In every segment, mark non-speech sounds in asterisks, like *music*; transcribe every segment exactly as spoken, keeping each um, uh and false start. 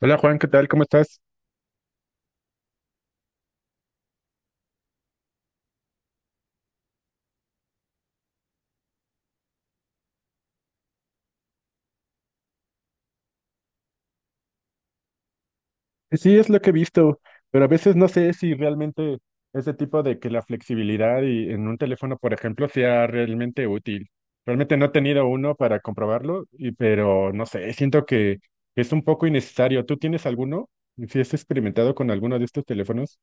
Hola Juan, ¿qué tal? ¿Cómo estás? Sí, es lo que he visto, pero a veces no sé si realmente ese tipo de que la flexibilidad y en un teléfono, por ejemplo, sea realmente útil. Realmente no he tenido uno para comprobarlo, y, pero no sé, siento que es un poco innecesario. ¿Tú tienes alguno? ¿Si has experimentado con alguno de estos teléfonos?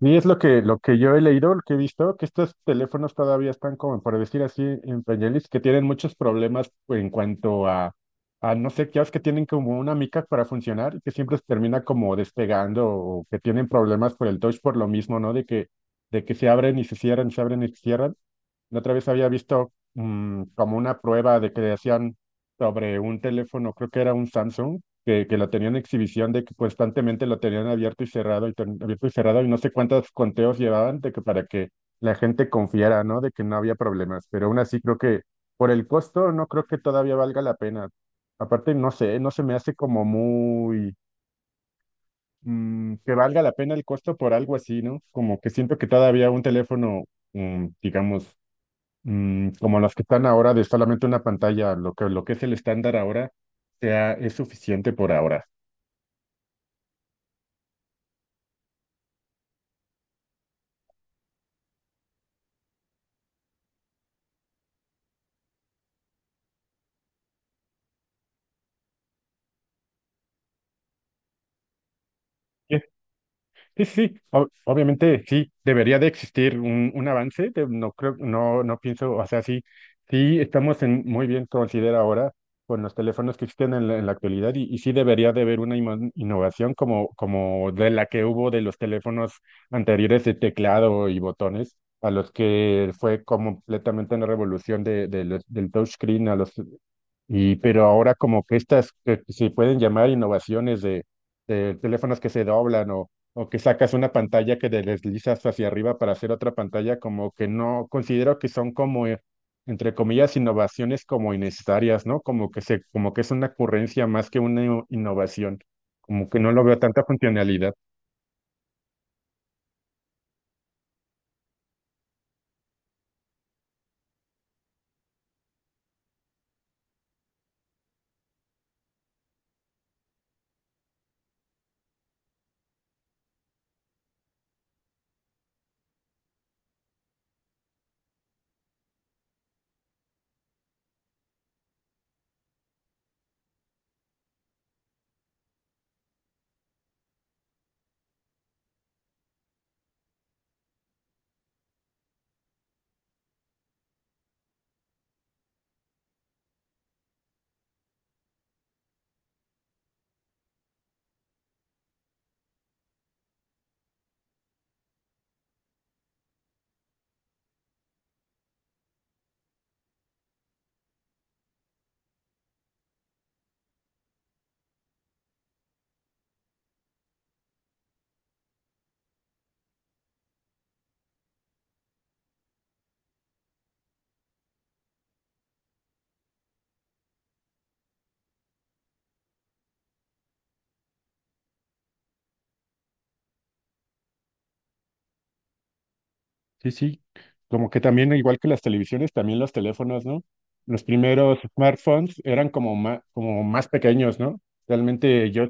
Y es lo que, lo que yo he leído, lo que he visto, que estos teléfonos todavía están como, por decir así, en pañales, que tienen muchos problemas en cuanto a, a no sé, qué que tienen como una mica para funcionar y que siempre se termina como despegando o que tienen problemas por el touch por lo mismo, ¿no? De que, de que se abren y se cierran, se abren y se cierran. La otra vez había visto mm, como una prueba de que hacían sobre un teléfono, creo que era un Samsung que, que lo tenían en exhibición, de que constantemente lo tenían abierto y cerrado, y ten- abierto y cerrado, y no sé cuántos conteos llevaban de que para que la gente confiara, ¿no? De que no había problemas. Pero aún así creo que por el costo no creo que todavía valga la pena. Aparte, no sé, no se me hace como muy mm, que valga la pena el costo por algo así, ¿no? Como que siento que todavía un teléfono, mm, digamos, mm, como los que están ahora, de solamente una pantalla, lo que, lo que es el estándar ahora, sea, es suficiente por ahora. Sí, sí, sí. O- obviamente sí, debería de existir un, un avance, de- no creo, no, no pienso, o sea, sí, sí estamos en, muy bien considera ahora con los teléfonos que existen en la, en la actualidad y, y sí debería de haber una imo- innovación como, como de la que hubo de los teléfonos anteriores de teclado y botones, a los que fue completamente una revolución de, de los- del touchscreen a los y, pero ahora como que estas que se pueden llamar innovaciones de, de teléfonos que se doblan o, o que sacas una pantalla que te deslizas hacia arriba para hacer otra pantalla, como que no considero que son como, eh, entre comillas, innovaciones como innecesarias, ¿no? Como que se, como que es una ocurrencia más que una inno- innovación, como que no lo veo tanta funcionalidad. Sí, sí, como que también, igual que las televisiones, también los teléfonos, ¿no? Los primeros smartphones eran como más, como más pequeños, ¿no? Realmente yo,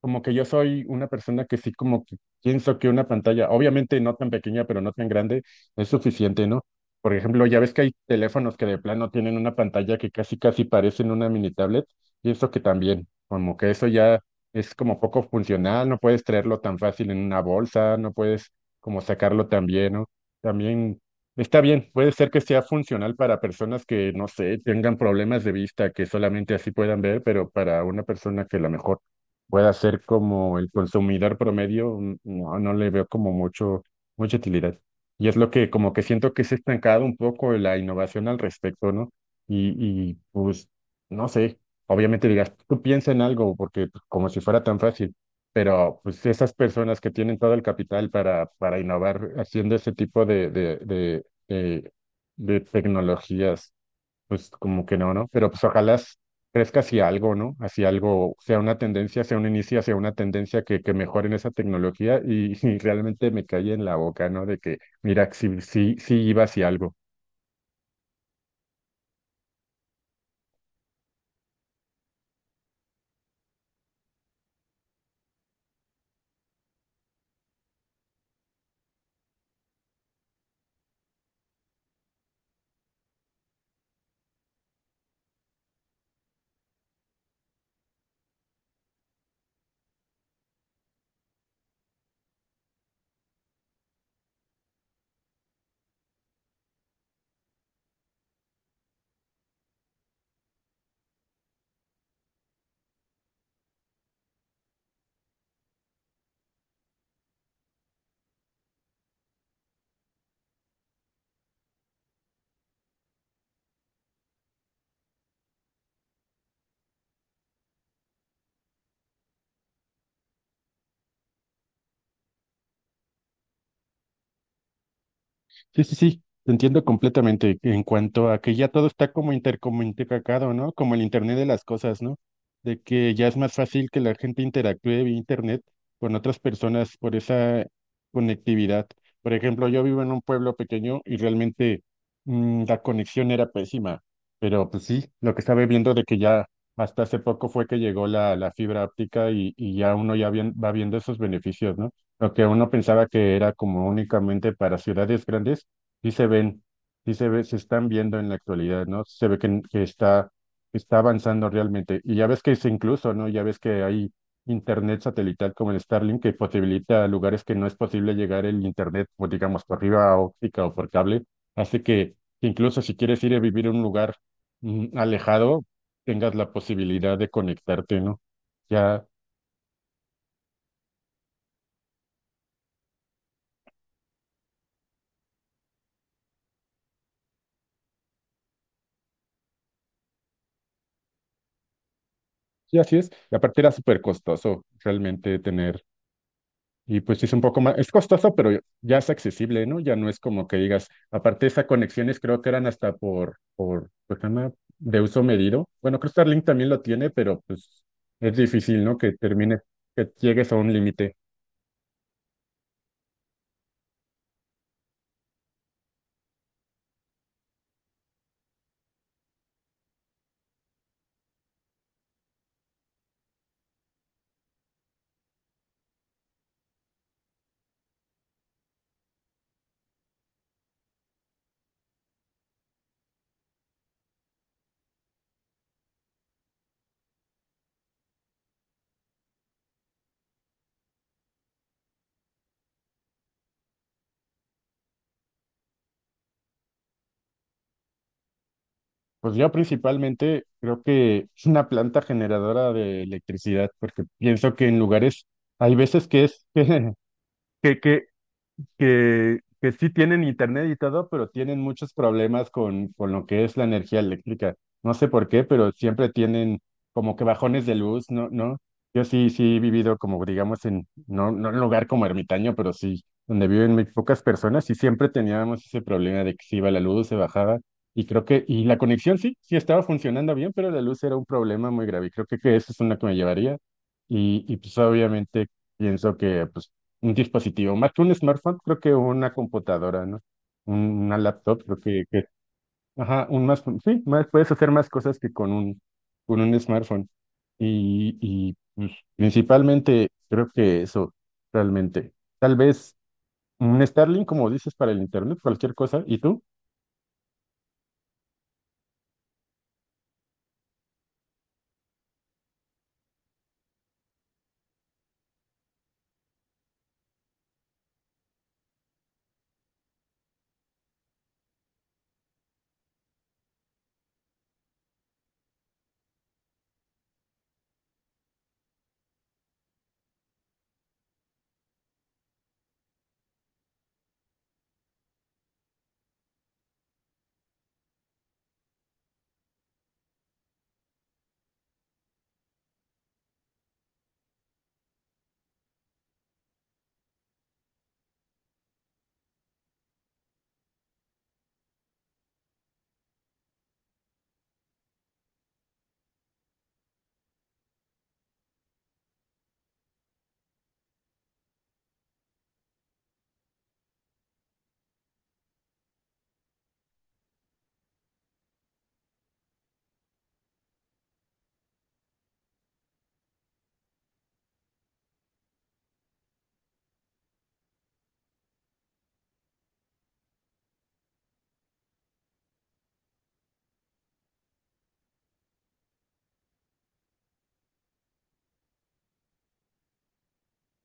como que yo soy una persona que sí, como que pienso que una pantalla, obviamente no tan pequeña, pero no tan grande, es suficiente, ¿no? Por ejemplo, ya ves que hay teléfonos que de plano tienen una pantalla que casi, casi parecen una mini tablet, y eso que también, como que eso ya es como poco funcional, no puedes traerlo tan fácil en una bolsa, no puedes como sacarlo tan bien, ¿no? También está bien, puede ser que sea funcional para personas que, no sé, tengan problemas de vista, que solamente así puedan ver, pero para una persona que a lo mejor pueda ser como el consumidor promedio, mm, no, no le veo como mucho, mucha utilidad. Y es lo que como que siento que se ha estancado un poco la innovación al respecto, ¿no? Y, y pues, no sé, obviamente digas, tú piensa en algo, porque pues, como si fuera tan fácil. Pero pues esas personas que tienen todo el capital para, para innovar haciendo ese tipo de, de, de, de, de tecnologías, pues como que no, ¿no? Pero pues ojalá s- crezca hacia algo, ¿no? Hacia algo, sea una tendencia, sea un inicio, hacia una tendencia que, que mejoren esa tecnología y, *laughs* y realmente me caí en la boca, ¿no? De que, mira, sí, sí, sí iba hacia algo. Sí, sí, sí, te entiendo completamente en cuanto a que ya todo está como intercomunicado, ¿no? Como el Internet de las cosas, ¿no? De que ya es más fácil que la gente interactúe vía Internet con otras personas por esa conectividad. Por ejemplo, yo vivo en un pueblo pequeño y realmente mm, la conexión era pésima, pero pues sí, lo que estaba viendo de que ya hasta hace poco fue que llegó la, la fibra óptica y, y ya uno ya vien- va viendo esos beneficios, ¿no? Lo que uno pensaba que era como únicamente para ciudades grandes, sí se ven, sí se ve, se están viendo en la actualidad, ¿no? Se ve que, que está, está avanzando realmente. Y ya ves que es incluso, ¿no? Ya ves que hay internet satelital como el Starlink que posibilita lugares que no es posible llegar el internet, o digamos, por arriba óptica o por cable. Hace que incluso si quieres ir a vivir a un lugar mm, alejado, tengas la posibilidad de conectarte, ¿no? Ya. Sí, así es. Y aparte era súper costoso realmente tener, y pues sí es un poco más, es costoso, pero ya es accesible, ¿no? Ya no es como que digas, aparte esas conexiones creo que eran hasta por, por, pues se llama de uso medido. Bueno, creo que Starlink también lo tiene, pero pues es difícil, ¿no? Que termine, que llegues a un límite. Pues yo principalmente creo que es una planta generadora de electricidad, porque pienso que en lugares, hay veces que es, *laughs* que, que, que, que sí tienen internet y todo, pero tienen muchos problemas con, con lo que es la energía eléctrica. No sé por qué, pero siempre tienen como que bajones de luz, ¿no? ¿No? Yo sí, sí he vivido como, digamos, en, no, no en un lugar como ermitaño, pero sí, donde viven muy pocas personas y siempre teníamos ese problema de que se iba la luz, se bajaba y creo que, y la conexión sí, sí estaba funcionando bien, pero la luz era un problema muy grave y creo que, que eso es una que me llevaría y, y pues obviamente pienso que pues un dispositivo, más que un smartphone, creo que una computadora, ¿no? Un- Una laptop, creo que, que- Ajá, un más, sí, más, puedes hacer más cosas que con un, con un smartphone. Y, y pues, principalmente creo que eso, realmente. Tal vez un Starlink, como dices, para el internet, cualquier cosa. ¿Y tú?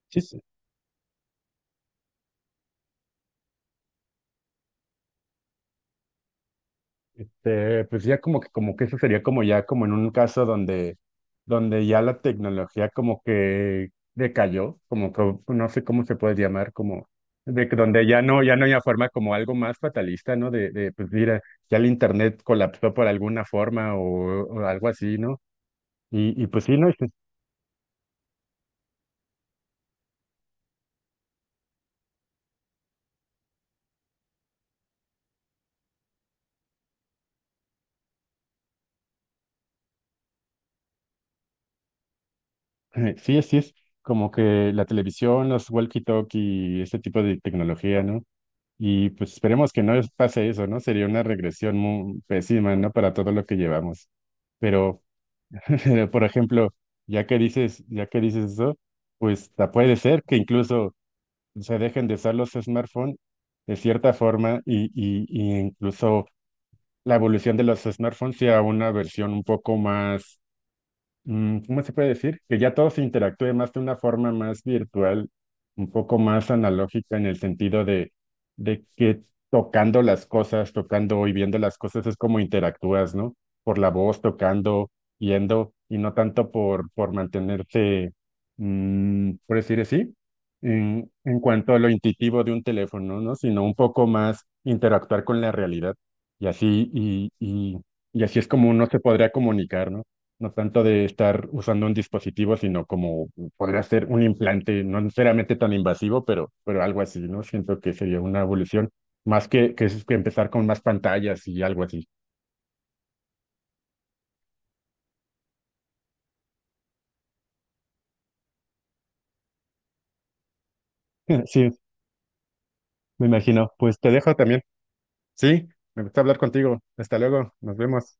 Sí. Eh, pues ya como que, como que eso sería como ya como en un caso donde, donde ya la tecnología como que decayó, como que no sé cómo se puede llamar, como de que donde ya no, ya no hay una forma como algo más fatalista, ¿no? De, de pues mira, ya el internet colapsó por alguna forma o, o algo así, ¿no? Y, y pues sí, no, sí, *clears throat* *laughs* sí es, sí es como que la televisión, los walkie-talkie, ese tipo de tecnología, ¿no? Y pues esperemos que no pase eso, ¿no? Sería una regresión muy pésima, ¿no? Para todo lo que llevamos. Pero, *laughs* por ejemplo, ya que dices, ya que dices eso, pues ta- puede ser que incluso se dejen de usar los smartphones de cierta forma y, y, y incluso la evolución de los smartphones sea una versión un poco más mm, ¿cómo se puede decir? Que ya todo se interactúe más de una forma más virtual, un poco más analógica en el sentido de, de que tocando las cosas, tocando y viendo las cosas es como interactúas, ¿no? Por la voz, tocando, yendo, y no tanto por, por mantenerse, mm, por decir así, en, en cuanto a lo intuitivo de un teléfono, ¿no? Sino un poco más interactuar con la realidad. Y así, y, y, y así es como uno se podría comunicar, ¿no? No tanto de estar usando un dispositivo, sino como podría ser un implante, no necesariamente tan invasivo, pero, pero algo así, ¿no? Siento que sería una evolución, más que, que, es- que empezar con más pantallas y algo así. *laughs* Sí, me imagino. Pues te dejo también. Sí, me gusta hablar contigo. Hasta luego, nos vemos.